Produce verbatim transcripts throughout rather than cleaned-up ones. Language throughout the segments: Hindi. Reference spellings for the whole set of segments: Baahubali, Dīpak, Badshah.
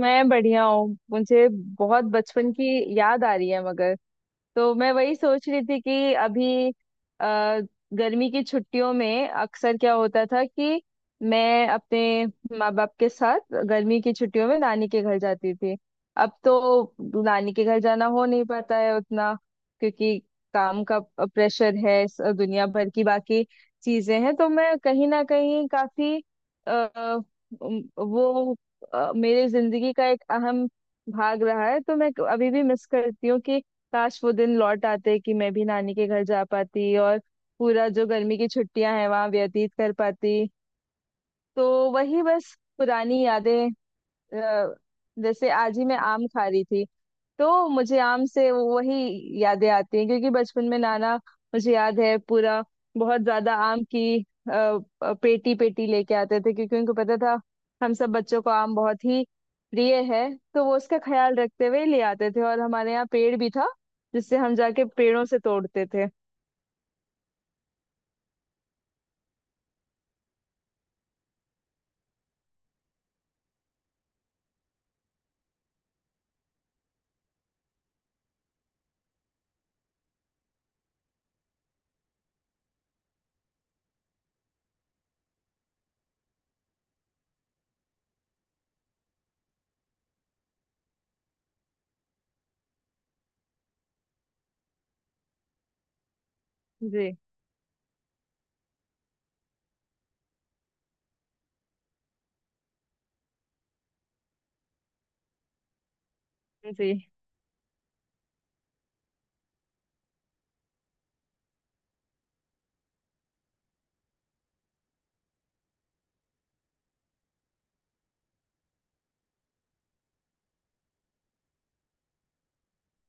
मैं बढ़िया हूँ। मुझे बहुत बचपन की याद आ रही है मगर तो मैं वही सोच रही थी कि अभी अ, गर्मी की छुट्टियों में अक्सर क्या होता था कि मैं अपने माँ बाप के साथ गर्मी की छुट्टियों में नानी के घर जाती थी। अब तो नानी के घर जाना हो नहीं पाता है उतना क्योंकि काम का प्रेशर है, स- दुनिया भर की बाकी चीजें हैं, तो मैं कहीं ना कहीं काफी आ, वो अ, मेरे जिंदगी का एक अहम भाग रहा है, तो मैं अभी भी मिस करती हूँ कि काश वो दिन लौट आते कि मैं भी नानी के घर जा पाती और पूरा जो गर्मी की छुट्टियां हैं वहां व्यतीत कर पाती। तो वही बस पुरानी यादें। अ, जैसे आज ही मैं आम खा रही थी तो मुझे आम से वो- वही यादें आती हैं, क्योंकि बचपन में नाना, मुझे याद है पूरा, बहुत ज्यादा आम की अ, अ, पेटी पेटी लेके आते थे क्योंकि उनको पता था हम सब बच्चों को आम बहुत ही प्रिय है। तो वो उसका ख्याल रखते हुए ले आते थे, और हमारे यहाँ पेड़ भी था जिससे हम जाके पेड़ों से तोड़ते थे। जी जी।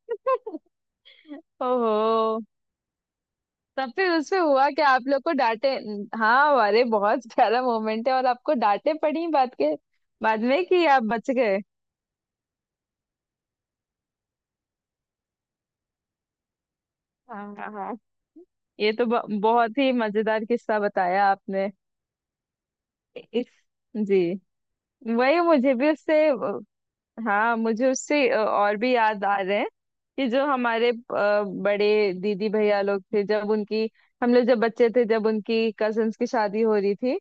ओहो। तब फिर उससे हुआ कि आप लोग को डांटे? हाँ, अरे बहुत प्यारा मोमेंट है, और आपको डांटे पड़ी बात के बाद में कि आप बच गए। हाँ हाँ हाँ। ये तो ब- बहुत ही मजेदार किस्सा बताया आपने। इस, जी, वही मुझे भी उससे अ, हाँ, मुझे उससे अ, और भी याद आ रहे हैं कि जो हमारे अ, बड़े दीदी भैया लोग थे जब उनकी, हम लोग जब बच्चे थे, जब उनकी कजन्स की शादी हो रही थी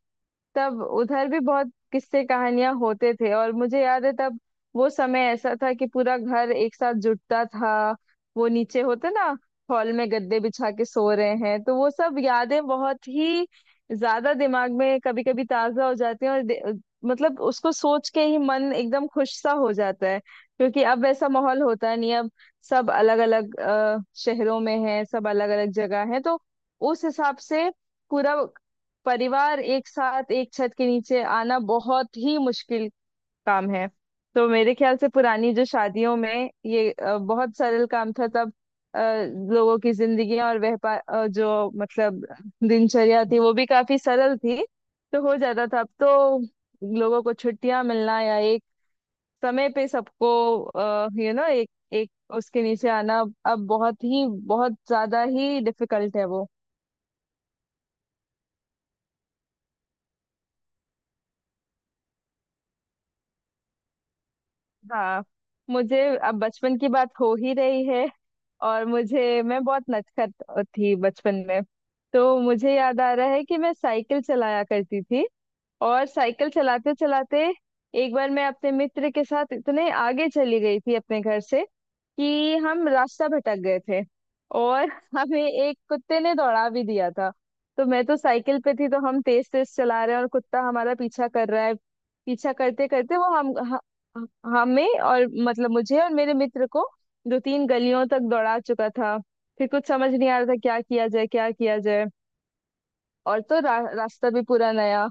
तब उधर भी बहुत किस्से कहानियां होते थे। और मुझे याद है तब वो समय ऐसा था कि पूरा घर एक साथ जुटता था। वो नीचे होते ना हॉल में गद्दे बिछा के सो रहे हैं, तो वो सब यादें बहुत ही ज्यादा दिमाग में कभी कभी ताजा हो जाती हैं। और दे- मतलब उसको सोच के ही मन एकदम खुश सा हो जाता है, क्योंकि अब ऐसा माहौल होता नहीं। अब सब अलग अलग शहरों में हैं, सब अलग अलग जगह है, तो उस हिसाब से पूरा परिवार एक साथ एक छत के नीचे आना बहुत ही मुश्किल काम है। तो मेरे ख्याल से पुरानी जो शादियों में ये अ, बहुत सरल काम था तब। अ, लोगों की जिंदगी और व्यापार, अ, जो मतलब दिनचर्या थी, वो भी काफी सरल थी तो हो जाता था। अब तो लोगों को छुट्टियां मिलना या एक समय पे सबको, यू नो, एक एक उसके नीचे आना अब बहुत ही बहुत ज्यादा ही डिफिकल्ट है वो। हाँ, मुझे, अब बचपन की बात हो ही रही है, और मुझे, मैं बहुत नटखट थी बचपन में, तो मुझे याद आ रहा है कि मैं साइकिल चलाया करती थी। और साइकिल चलाते चलाते एक बार मैं अपने मित्र के साथ इतने आगे चली गई थी अपने घर से कि हम रास्ता भटक गए थे। और हमें एक कुत्ते ने दौड़ा भी दिया था। तो मैं तो साइकिल पे थी, तो हम तेज तेज चला रहे हैं और कुत्ता हमारा पीछा कर रहा है। पीछा करते करते वो हम ह- ह- हमें, और मतलब मुझे और मेरे मित्र को दो तीन गलियों तक दौड़ा चुका था। फिर कुछ समझ नहीं आ रहा था क्या किया जाए, क्या किया जाए। और तो रा, रास्ता भी पूरा नया।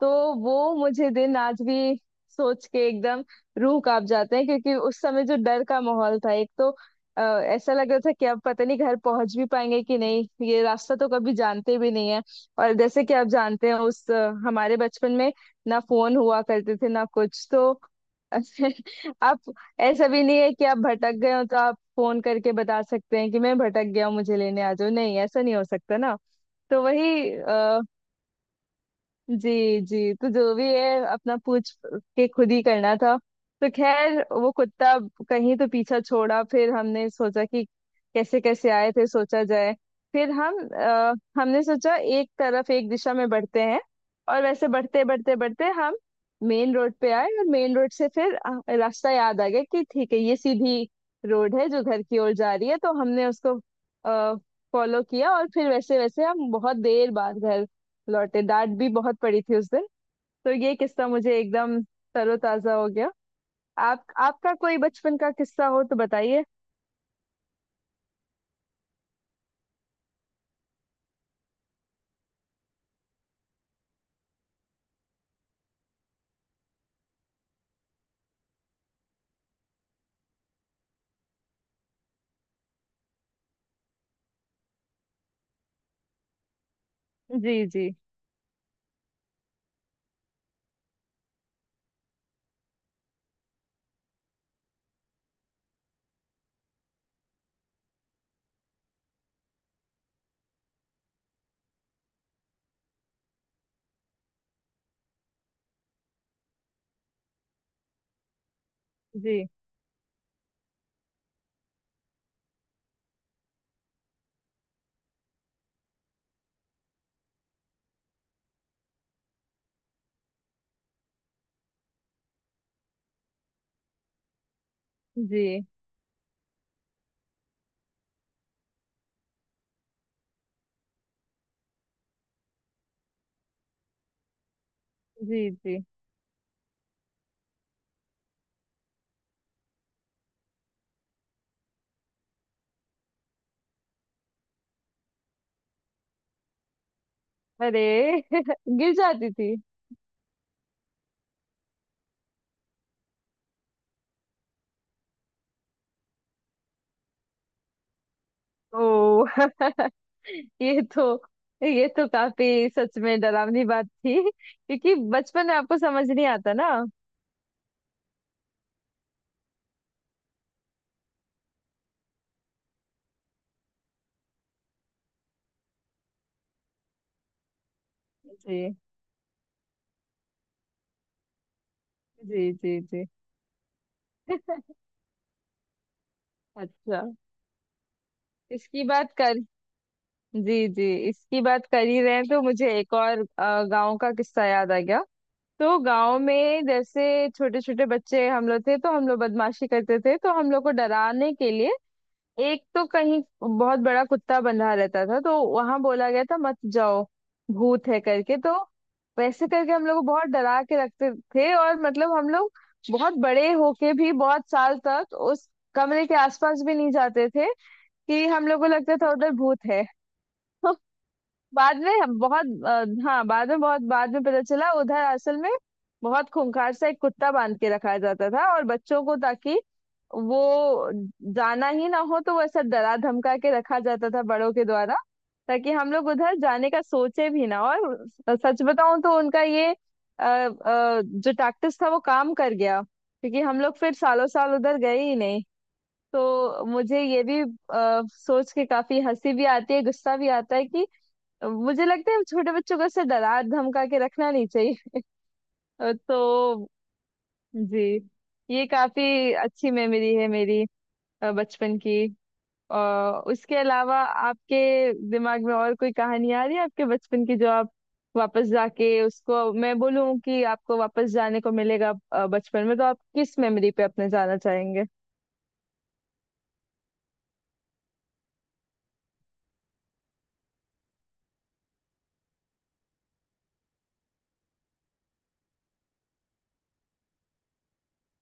तो वो मुझे दिन आज भी सोच के एकदम रूह कांप जाते हैं, क्योंकि उस समय जो डर का माहौल था एक तो, अ, ऐसा लग रहा था कि अब पता नहीं घर पहुंच भी पाएंगे कि नहीं, ये रास्ता तो कभी जानते भी नहीं है। और जैसे कि आप जानते हैं उस अ, हमारे बचपन में ना फोन हुआ करते थे ना कुछ, तो आप, ऐसा भी नहीं है कि आप भटक गए हो तो आप फोन करके बता सकते हैं कि मैं भटक गया हूँ मुझे लेने आ जाओ। नहीं, ऐसा नहीं हो सकता ना। तो वही, जी जी, तो जो भी है अपना पूछ के खुद ही करना था। तो खैर वो कुत्ता कहीं तो पीछा छोड़ा, फिर हमने सोचा कि कैसे कैसे आए थे सोचा जाए। फिर हम, अ, हमने सोचा एक तरफ एक दिशा में बढ़ते हैं, और वैसे बढ़ते बढ़ते बढ़ते हम मेन रोड पे आए। और मेन रोड से फिर अ, रास्ता याद आ गया कि ठीक है ये सीधी रोड है जो घर की ओर जा रही है, तो हमने उसको फॉलो किया। और फिर वैसे वैसे हम बहुत देर बाद घर लौटे। डांट भी बहुत पड़ी थी उस दिन। तो ये किस्सा मुझे एकदम तरोताजा हो गया। आप, आपका कोई बचपन का किस्सा हो तो बताइए। जी जी जी। जी जी जी। अरे, गिर जाती थी। ओ, ये तो, ये तो काफी सच में डरावनी बात थी, क्योंकि बचपन में आपको समझ नहीं आता ना। जी जी जी जी। अच्छा। इसकी बात कर, जी जी, इसकी बात कर ही रहे हैं तो मुझे एक और अ, गांव का किस्सा याद आ गया। तो गांव में जैसे छोटे छोटे बच्चे हम लोग थे, तो हम लोग बदमाशी करते थे, तो हम लोग को डराने के लिए एक तो कहीं बहुत बड़ा कुत्ता बंधा रहता था, तो वहां बोला गया था मत जाओ, भूत है करके। तो वैसे करके हम लोग को बहुत डरा के रखते थे, और मतलब हम लोग बहुत बड़े होके भी बहुत साल तक उस कमरे के आसपास भी नहीं जाते थे कि हम लोग को लगता था उधर भूत है। बाद में हम बहुत, अ, हाँ, बाद में, बहुत बाद में पता चला उधर असल में बहुत खूंखार सा एक कुत्ता बांध के रखा जाता था, और बच्चों को ताकि वो जाना ही ना हो तो वो ऐसा डरा धमका के रखा जाता था बड़ों के द्वारा, ताकि हम लोग उधर जाने का सोचे भी ना। और सच बताऊं तो उनका ये अ, अ, जो टैक्टिस था वो काम कर गया, क्योंकि हम लोग फिर सालों साल उधर गए ही नहीं। तो मुझे ये भी अ, सोच के काफी हंसी भी आती है, गुस्सा भी आता है कि मुझे लगता है हम छोटे बच्चों को ऐसे डरा धमका के रखना नहीं चाहिए। तो जी, ये काफी अच्छी मेमोरी है मेरी अ, बचपन की। और उसके अलावा आपके दिमाग में और कोई कहानी आ रही है आपके बचपन की जो आप वापस जाके उसको, मैं बोलूं कि आपको वापस जाने को मिलेगा अ, बचपन में, तो आप किस मेमोरी पे अपने जाना चाहेंगे?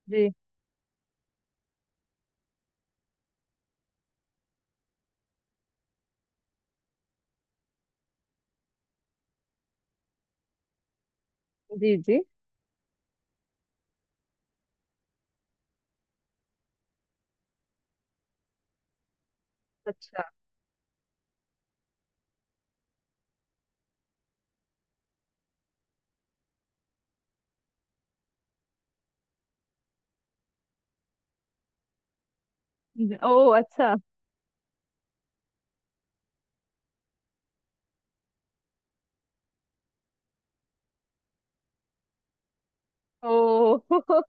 जी जी जी। अच्छा। ओ, अच्छा। ओ,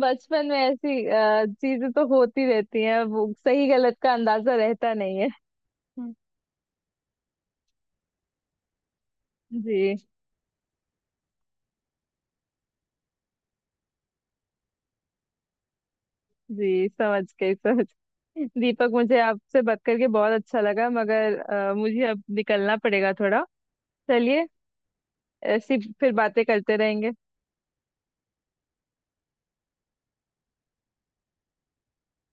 बचपन में ऐसी अ, चीजें तो होती रहती हैं, वो सही गलत का अंदाजा रहता नहीं है। हम्म। जी जी, समझ गई, समझ गई। दीपक, मुझे आपसे बात करके बहुत अच्छा लगा, मगर अ, मुझे अब निकलना पड़ेगा थोड़ा। चलिए, ऐसी फिर बातें करते रहेंगे।